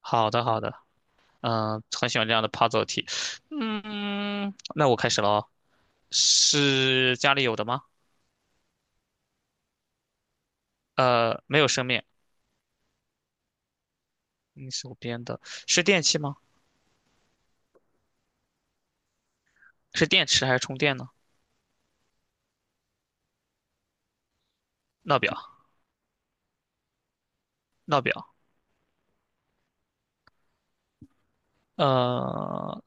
好的，好的，嗯，很喜欢这样的 puzzle 题。嗯，那我开始了哦。是家里有的吗？呃，没有生命，你手边的是电器吗？是电池还是充电呢？闹表，闹表，呃，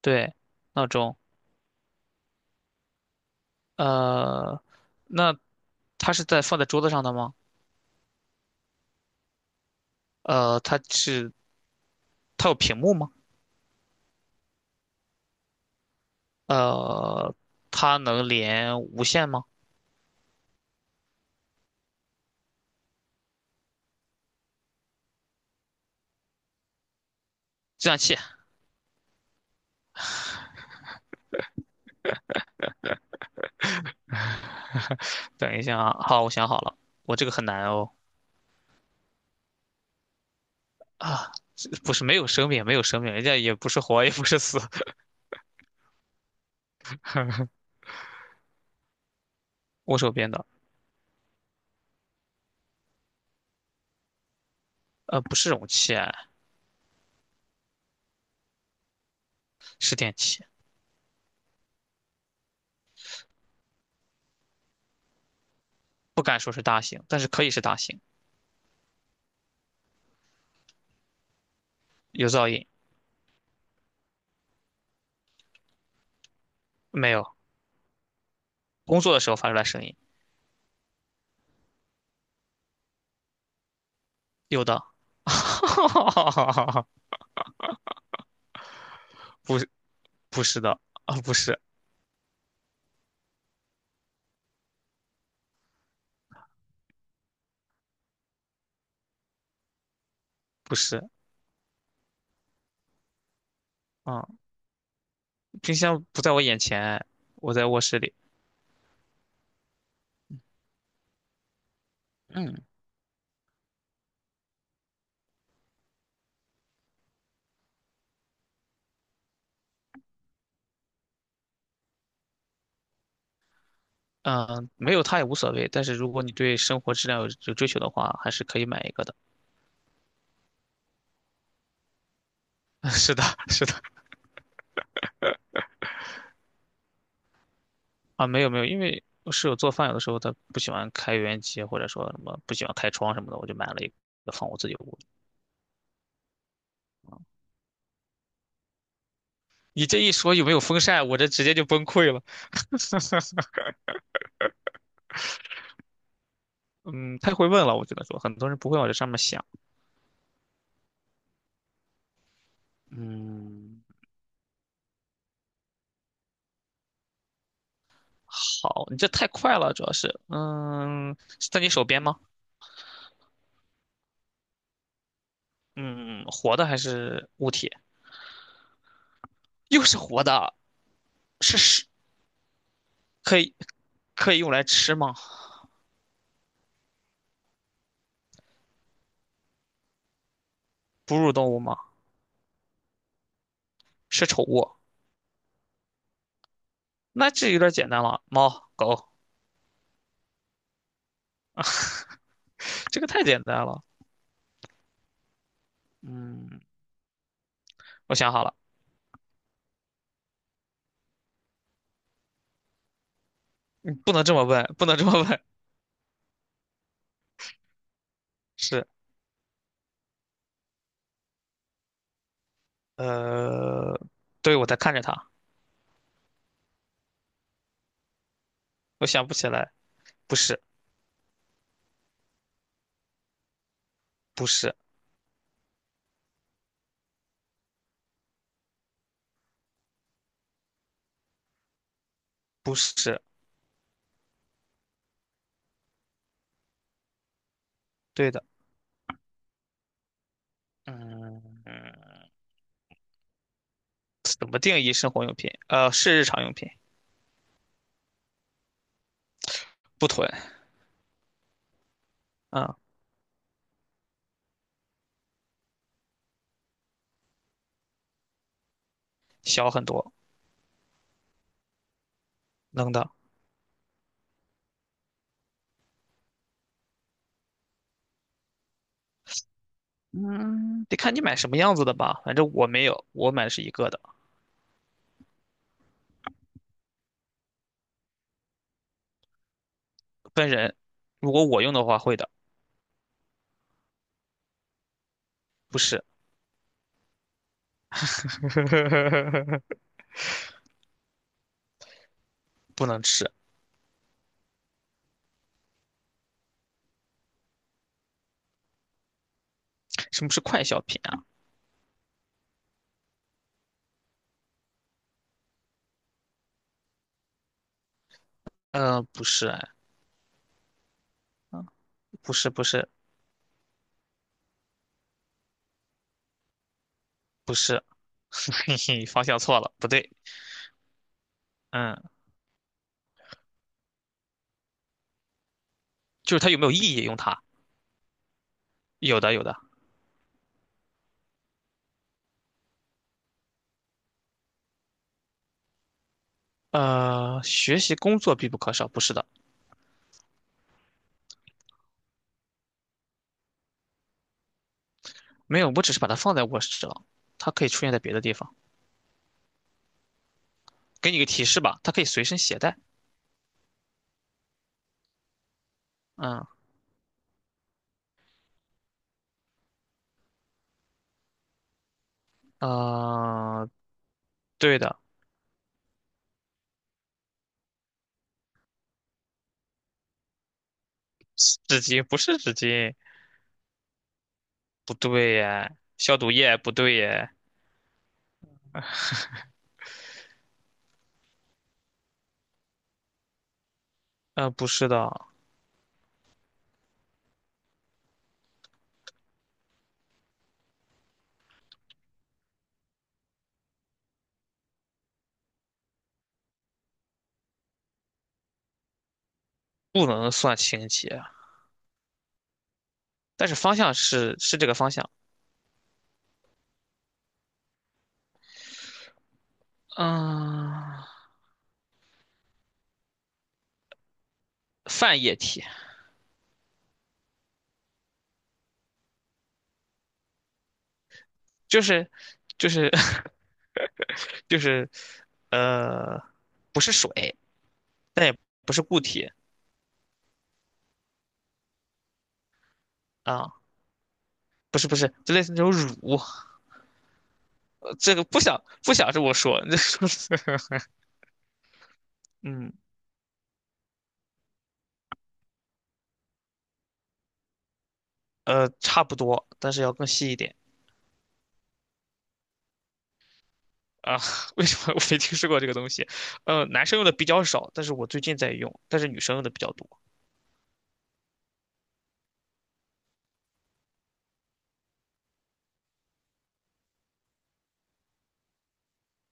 对，闹钟，呃，那它是在放在桌子上的吗？呃，它有屏幕吗？呃，它能连无线吗？计算器，等一下啊，好，我想好了，我这个很难哦。啊，这不是没有生命，没有生命，人家也不是活，也不是死。我手边的，呃，不是容器啊，是电器，不敢说是大型，但是可以是大型。有噪音没有？工作的时候发出来声音，有的。不是，不是的，啊，不是，不是，嗯，冰箱不在我眼前，我在卧室里。嗯，嗯，没有它也无所谓，但是如果你对生活质量有追求的话，还是可以买一个的。是的，是的。啊，没有没有，因为我室友做饭有的时候他不喜欢开油烟机，或者说什么不喜欢开窗什么的，我就买了一个放我自己屋里。你这一说有没有风扇，我这直接就崩溃了。嗯，太会问了，我只能说很多人不会往这上面想。嗯，好，你这太快了，主要是，嗯，是在你手边吗？嗯，活的还是物体？又是活的，是食，可以可以用来吃吗？哺乳动物吗？是宠物？那这有点简单了，猫、狗。这个太简单了。嗯，我想好了，不能这么问，不能这么问。是，呃，对，我在看着他，我想不起来，不是，不是，不是，对的，嗯嗯，怎么定义生活用品？呃，是日常用品，不囤，嗯，小很多，能的，嗯，得看你买什么样子的吧，反正我没有，我买的是一个的，分人，如果我用的话会的，不是，不能吃，什么是快消品啊？呃，不是，哎，嗯不是不是，嘿嘿，方向错了，不对，嗯，就是它有没有意义用它？有的有的，呃，学习工作必不可少，不是的，没有，我只是把它放在卧室了，它可以出现在别的地方。给你个提示吧，它可以随身携带。嗯，呃，对的，纸巾不是纸巾，不对耶，消毒液不对耶，呃，不是的，不能算清洁，但是方向是这个方向。嗯，泛液体。就是就是 就是呃，不是水，但也不是固体啊，不是不是，就类似那种乳，呃这个不想这么说，嗯呃，差不多，但是要更细一点啊。为什么我没听说过这个东西？呃，男生用的比较少，但是我最近在用，但是女生用的比较多。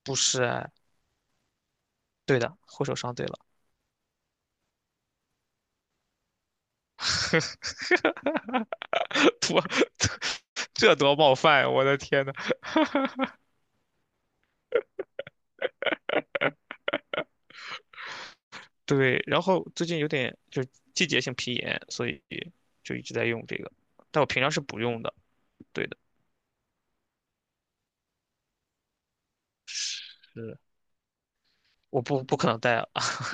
不是哎，对的，护手霜对了，多这多冒犯啊，我的天呐！对，然后最近有点就是季节性皮炎，所以就一直在用这个，但我平常是不用的。对的，是，我不可能戴啊，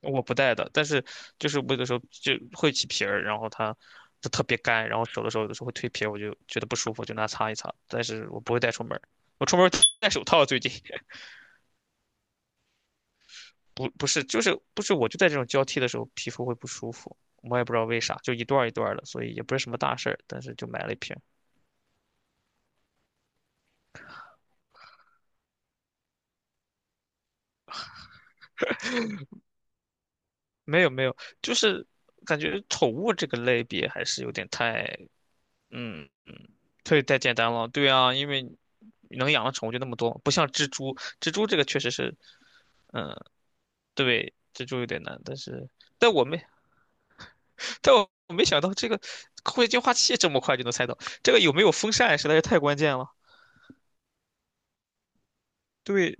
我不戴的。但是就是我有的时候就会起皮儿，然后它就特别干，然后手的时候有的时候会蜕皮儿，我就觉得不舒服，就拿擦一擦。但是我不会带出门儿我出门儿戴手套。最近 不是就是不是我就在这种交替的时候皮肤会不舒服，我也不知道为啥，就一段儿一段儿的，所以也不是什么大事儿，但是就买了一瓶。没有没有，就是感觉宠物这个类别还是有点太，嗯嗯，太简单了。对啊，因为能养的宠物就那么多，不像蜘蛛，蜘蛛这个确实是，对，蜘蛛有点难。但是，但我没，但我没想到这个空气净化器这么快就能猜到，这个有没有风扇实在是太关键了。对，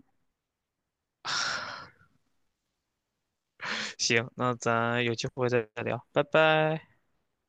行，那咱有机会再聊，拜拜。